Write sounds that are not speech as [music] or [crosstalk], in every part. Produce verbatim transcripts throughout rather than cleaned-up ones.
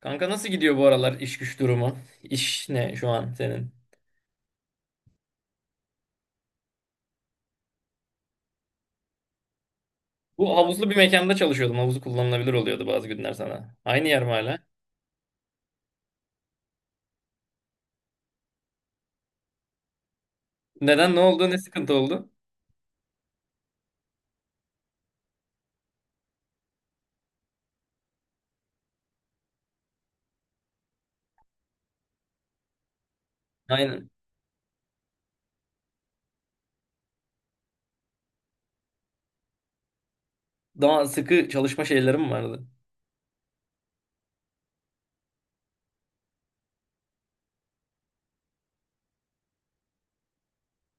Kanka nasıl gidiyor bu aralar iş güç durumu? İş ne şu an senin? Bu havuzlu bir mekanda çalışıyordum. Havuzu kullanılabilir oluyordu bazı günler sana. Aynı yer mi hala? Neden? Ne oldu? Ne sıkıntı oldu? Aynen. Daha sıkı çalışma şeylerim vardı.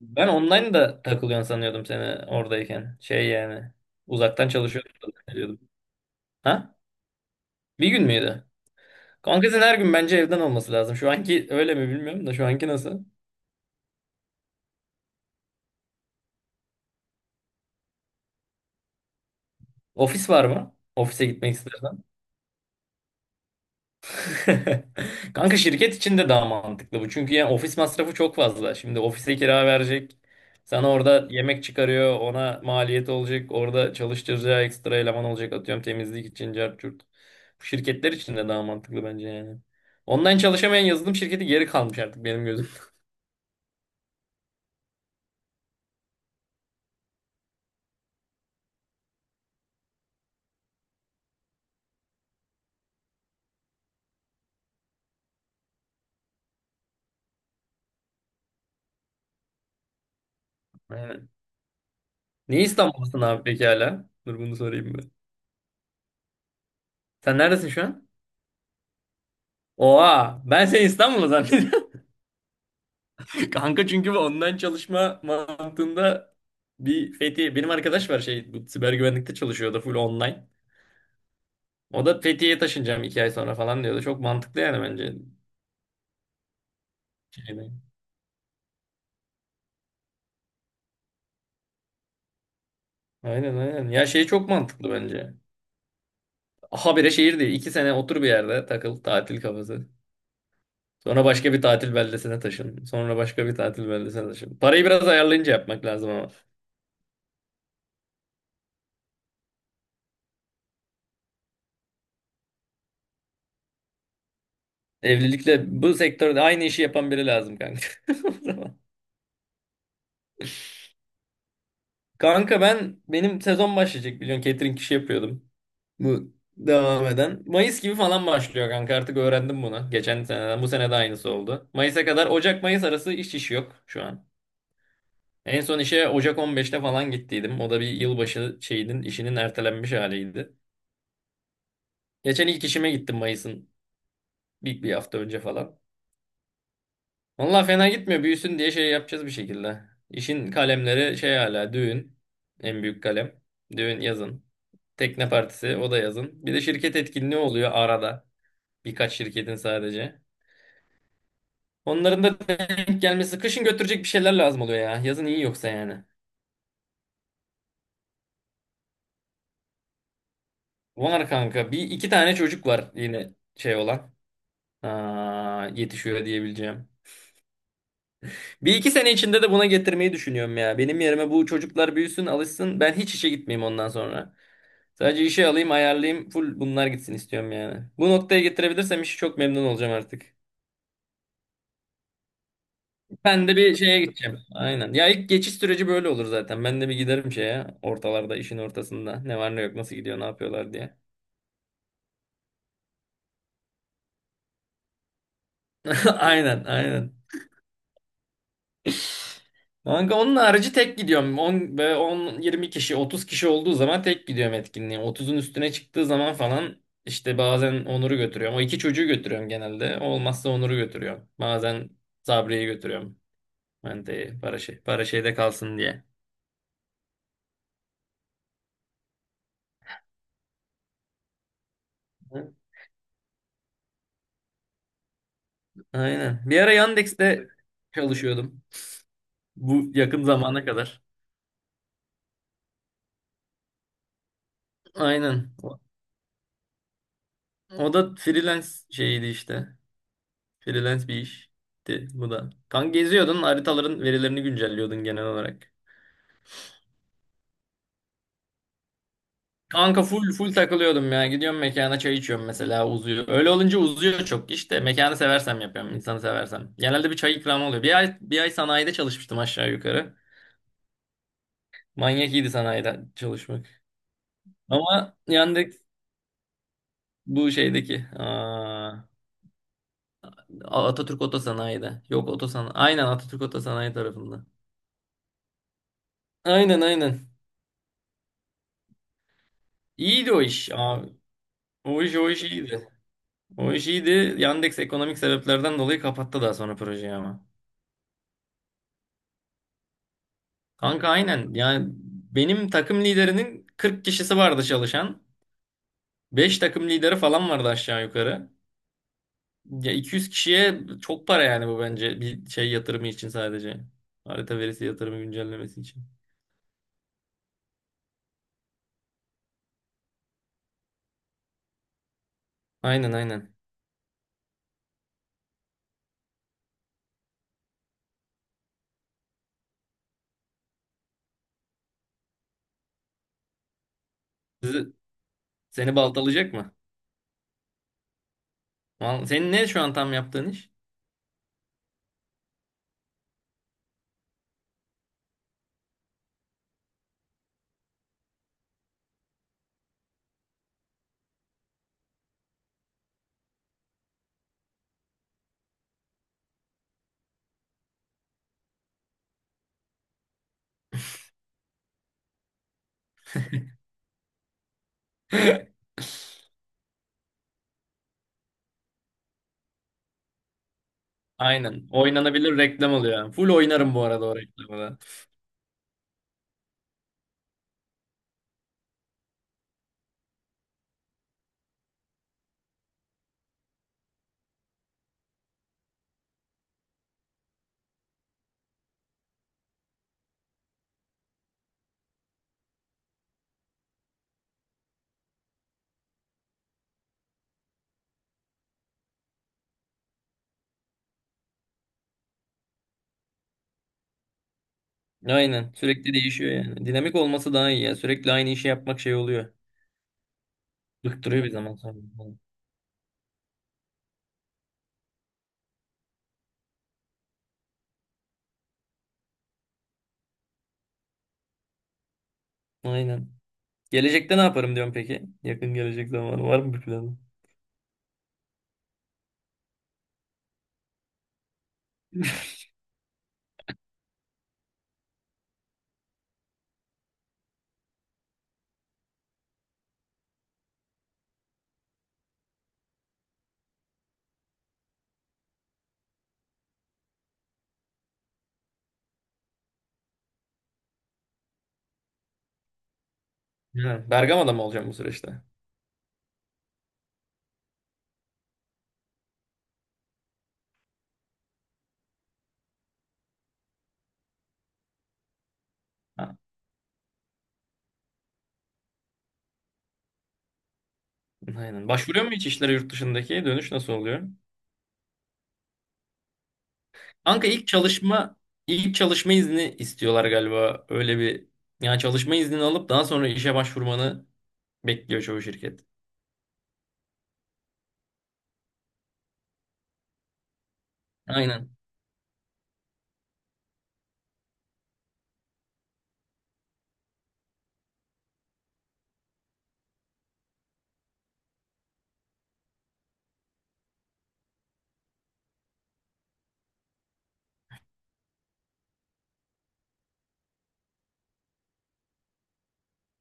Ben online da takılıyorsun sanıyordum seni oradayken. Şey yani. Uzaktan çalışıyordum sanıyordum. Ha? Bir gün müydü? Kanka senin her gün bence evden olması lazım. Şu anki öyle mi bilmiyorum da şu anki nasıl? Ofis var mı? Ofise gitmek istersen. [laughs] Kanka şirket için de daha mantıklı bu. Çünkü yani ofis masrafı çok fazla. Şimdi ofise kira verecek. Sana orada yemek çıkarıyor. Ona maliyet olacak. Orada çalıştıracağı ekstra eleman olacak. Atıyorum temizlik için cart curt. Bu şirketler için de daha mantıklı bence yani. Online çalışamayan yazılım şirketi geri kalmış artık benim gözümde. [laughs] Aynen. Niye İstanbul'dasın abi peki hala? Dur bunu sorayım bir. Sen neredesin şu an? Oha! Ben seni İstanbul'da zannediyorum. Kanka çünkü bu online çalışma mantığında bir Fethiye. Benim arkadaş var şey bu siber güvenlikte çalışıyordu full online. O da Fethiye'ye taşınacağım iki ay sonra falan diyordu. Çok mantıklı yani bence. Şeyde. Aynen aynen. Ya şey çok mantıklı bence. Habire şehir değil. İki sene otur bir yerde takıl tatil kafası. Sonra başka bir tatil beldesine taşın. Sonra başka bir tatil beldesine taşın. Parayı biraz ayarlayınca yapmak lazım ama. Evlilikle bu sektörde aynı işi yapan biri lazım kanka. [laughs] Kanka ben benim sezon başlayacak biliyorsun, catering işi yapıyordum. Bu devam eden. Mayıs gibi falan başlıyor kanka, artık öğrendim bunu. Geçen seneden bu sene de aynısı oldu. Mayıs'a kadar Ocak-Mayıs arası iş iş yok şu an. En son işe Ocak on beşte falan gittiydim. O da bir yılbaşı şeyinin işinin ertelenmiş haliydi. Geçen ilk işime gittim Mayıs'ın bir, bir hafta önce falan. Valla fena gitmiyor, büyüsün diye şey yapacağız bir şekilde. İşin kalemleri şey hala düğün. En büyük kalem. Düğün yazın. Tekne partisi, o da yazın. Bir de şirket etkinliği oluyor arada. Birkaç şirketin sadece. Onların da denk gelmesi. Kışın götürecek bir şeyler lazım oluyor ya. Yazın iyi, yoksa yani. Var kanka. Bir iki tane çocuk var yine şey olan. Aa, yetişiyor diyebileceğim. Bir iki sene içinde de buna getirmeyi düşünüyorum ya. Benim yerime bu çocuklar büyüsün, alışsın. Ben hiç işe gitmeyeyim ondan sonra. Sadece işe alayım, ayarlayayım. Full bunlar gitsin istiyorum yani. Bu noktaya getirebilirsem işi, çok memnun olacağım artık. Ben de bir şeye gideceğim. Aynen. Ya ilk geçiş süreci böyle olur zaten. Ben de bir giderim şeye ortalarda, işin ortasında. Ne var ne yok, nasıl gidiyor, ne yapıyorlar diye. [laughs] Aynen aynen. Kanka onun harici tek gidiyorum. on ve on yirmi kişi otuz kişi olduğu zaman tek gidiyorum etkinliğe. otuzun üstüne çıktığı zaman falan işte bazen Onur'u götürüyorum. O iki çocuğu götürüyorum genelde. Olmazsa Onur'u götürüyorum. Bazen Sabri'yi götürüyorum. Mente'yi para şey para şeyde kalsın diye. Hı. Aynen. Bir ara Yandex'te çalışıyordum. Bu yakın zamana kadar. Aynen. O, o da freelance şeyiydi işte. Freelance bir işti bu da. Kanka geziyordun, haritaların verilerini güncelliyordun genel olarak. Kanka full full takılıyordum ya. Gidiyorum mekana, çay içiyorum mesela, uzuyor. Öyle olunca uzuyor çok. İşte. Mekanı seversem yapıyorum, insanı seversem. Genelde bir çay ikramı oluyor. Bir ay bir ay sanayide çalışmıştım aşağı yukarı. Manyak iyiydi sanayide çalışmak. Ama yandık bu şeydeki. Aa, Atatürk Otosanayi'de. Yok, Otosanayi. Aynen, Atatürk Otosanayi tarafında. Aynen aynen. İyiydi o iş abi. O iş o iş iyiydi. O iş iyiydi. Yandex ekonomik sebeplerden dolayı kapattı daha sonra projeyi ama. Kanka aynen. Yani benim takım liderinin kırk kişisi vardı çalışan. beş takım lideri falan vardı aşağı yukarı. Ya iki yüz kişiye çok para yani, bu bence bir şey yatırımı için sadece. Harita verisi yatırımı güncellemesi için. Aynen aynen. Sizi, seni baltalayacak mı? Val- Senin ne şu an tam yaptığın iş? [laughs] Aynen. Oynanabilir reklam oluyor yani. Full oynarım bu arada o reklamı da. Aynen. Sürekli değişiyor yani. Dinamik olması daha iyi ya. Sürekli aynı işi yapmak şey oluyor. Bıktırıyor bir zaman sonra. Aynen. Gelecekte ne yaparım diyorum peki? Yakın gelecek zamanı var mı bir planın? Ha, Bergama'da mı olacağım bu süreçte? Ha, aynen. Başvuruyor mu hiç işlere yurt dışındaki? Dönüş nasıl oluyor? Kanka ilk çalışma ilk çalışma izni istiyorlar galiba. Öyle bir, yani çalışma iznini alıp daha sonra işe başvurmanı bekliyor çoğu şirket. Aynen.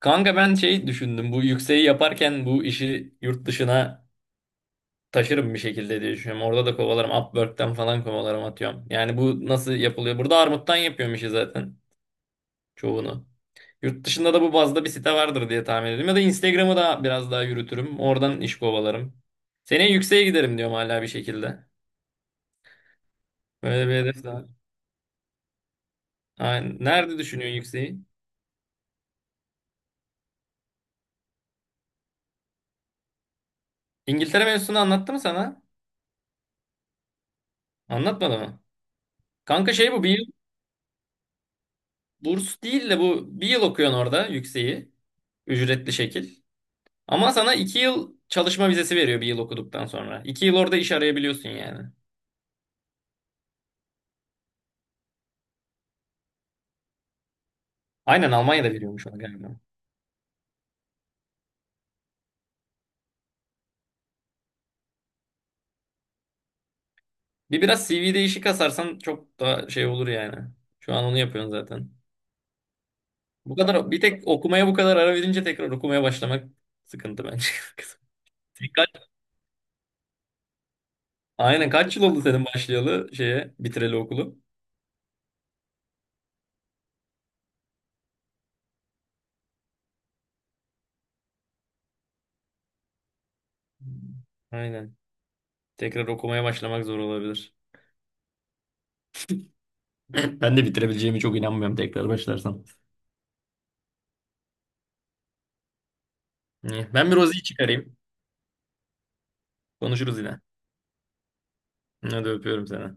Kanka ben şey düşündüm. Bu yükseği yaparken bu işi yurt dışına taşırım bir şekilde diye düşünüyorum. Orada da kovalarım. Upwork'ten falan kovalarım atıyorum. Yani bu nasıl yapılıyor? Burada armuttan yapıyorum işi zaten çoğunu. Yurt dışında da bu bazda bir site vardır diye tahmin ediyorum. Ya da Instagram'ı da biraz daha yürütürüm. Oradan iş kovalarım. Seneye yükseğe giderim diyorum hala bir şekilde. Böyle bir hedef de var. Aynen. Nerede düşünüyorsun yükseği? İngiltere mevzusunu anlattı mı sana? Anlatmadı mı? Kanka şey bu bir yıl burs değil de bu bir yıl okuyorsun orada yükseği. Ücretli şekil. Ama sana iki yıl çalışma vizesi veriyor bir yıl okuduktan sonra. İki yıl orada iş arayabiliyorsun yani. Aynen Almanya'da veriyormuş ona galiba. Bir biraz C V değişik kasarsan çok daha şey olur yani. Şu an onu yapıyorsun zaten. Bu kadar bir tek okumaya bu kadar ara verince tekrar okumaya başlamak sıkıntı bence. [laughs] Sen kaç- Aynen, kaç yıl oldu senin başlayalı şeye, bitireli okulu? Aynen. Tekrar okumaya başlamak zor olabilir. [laughs] [clears throat] Ben de bitirebileceğimi çok inanmıyorum tekrar başlarsam. İyi. Ben bir Rozi'yi çıkarayım. Konuşuruz yine. Hadi öpüyorum seni.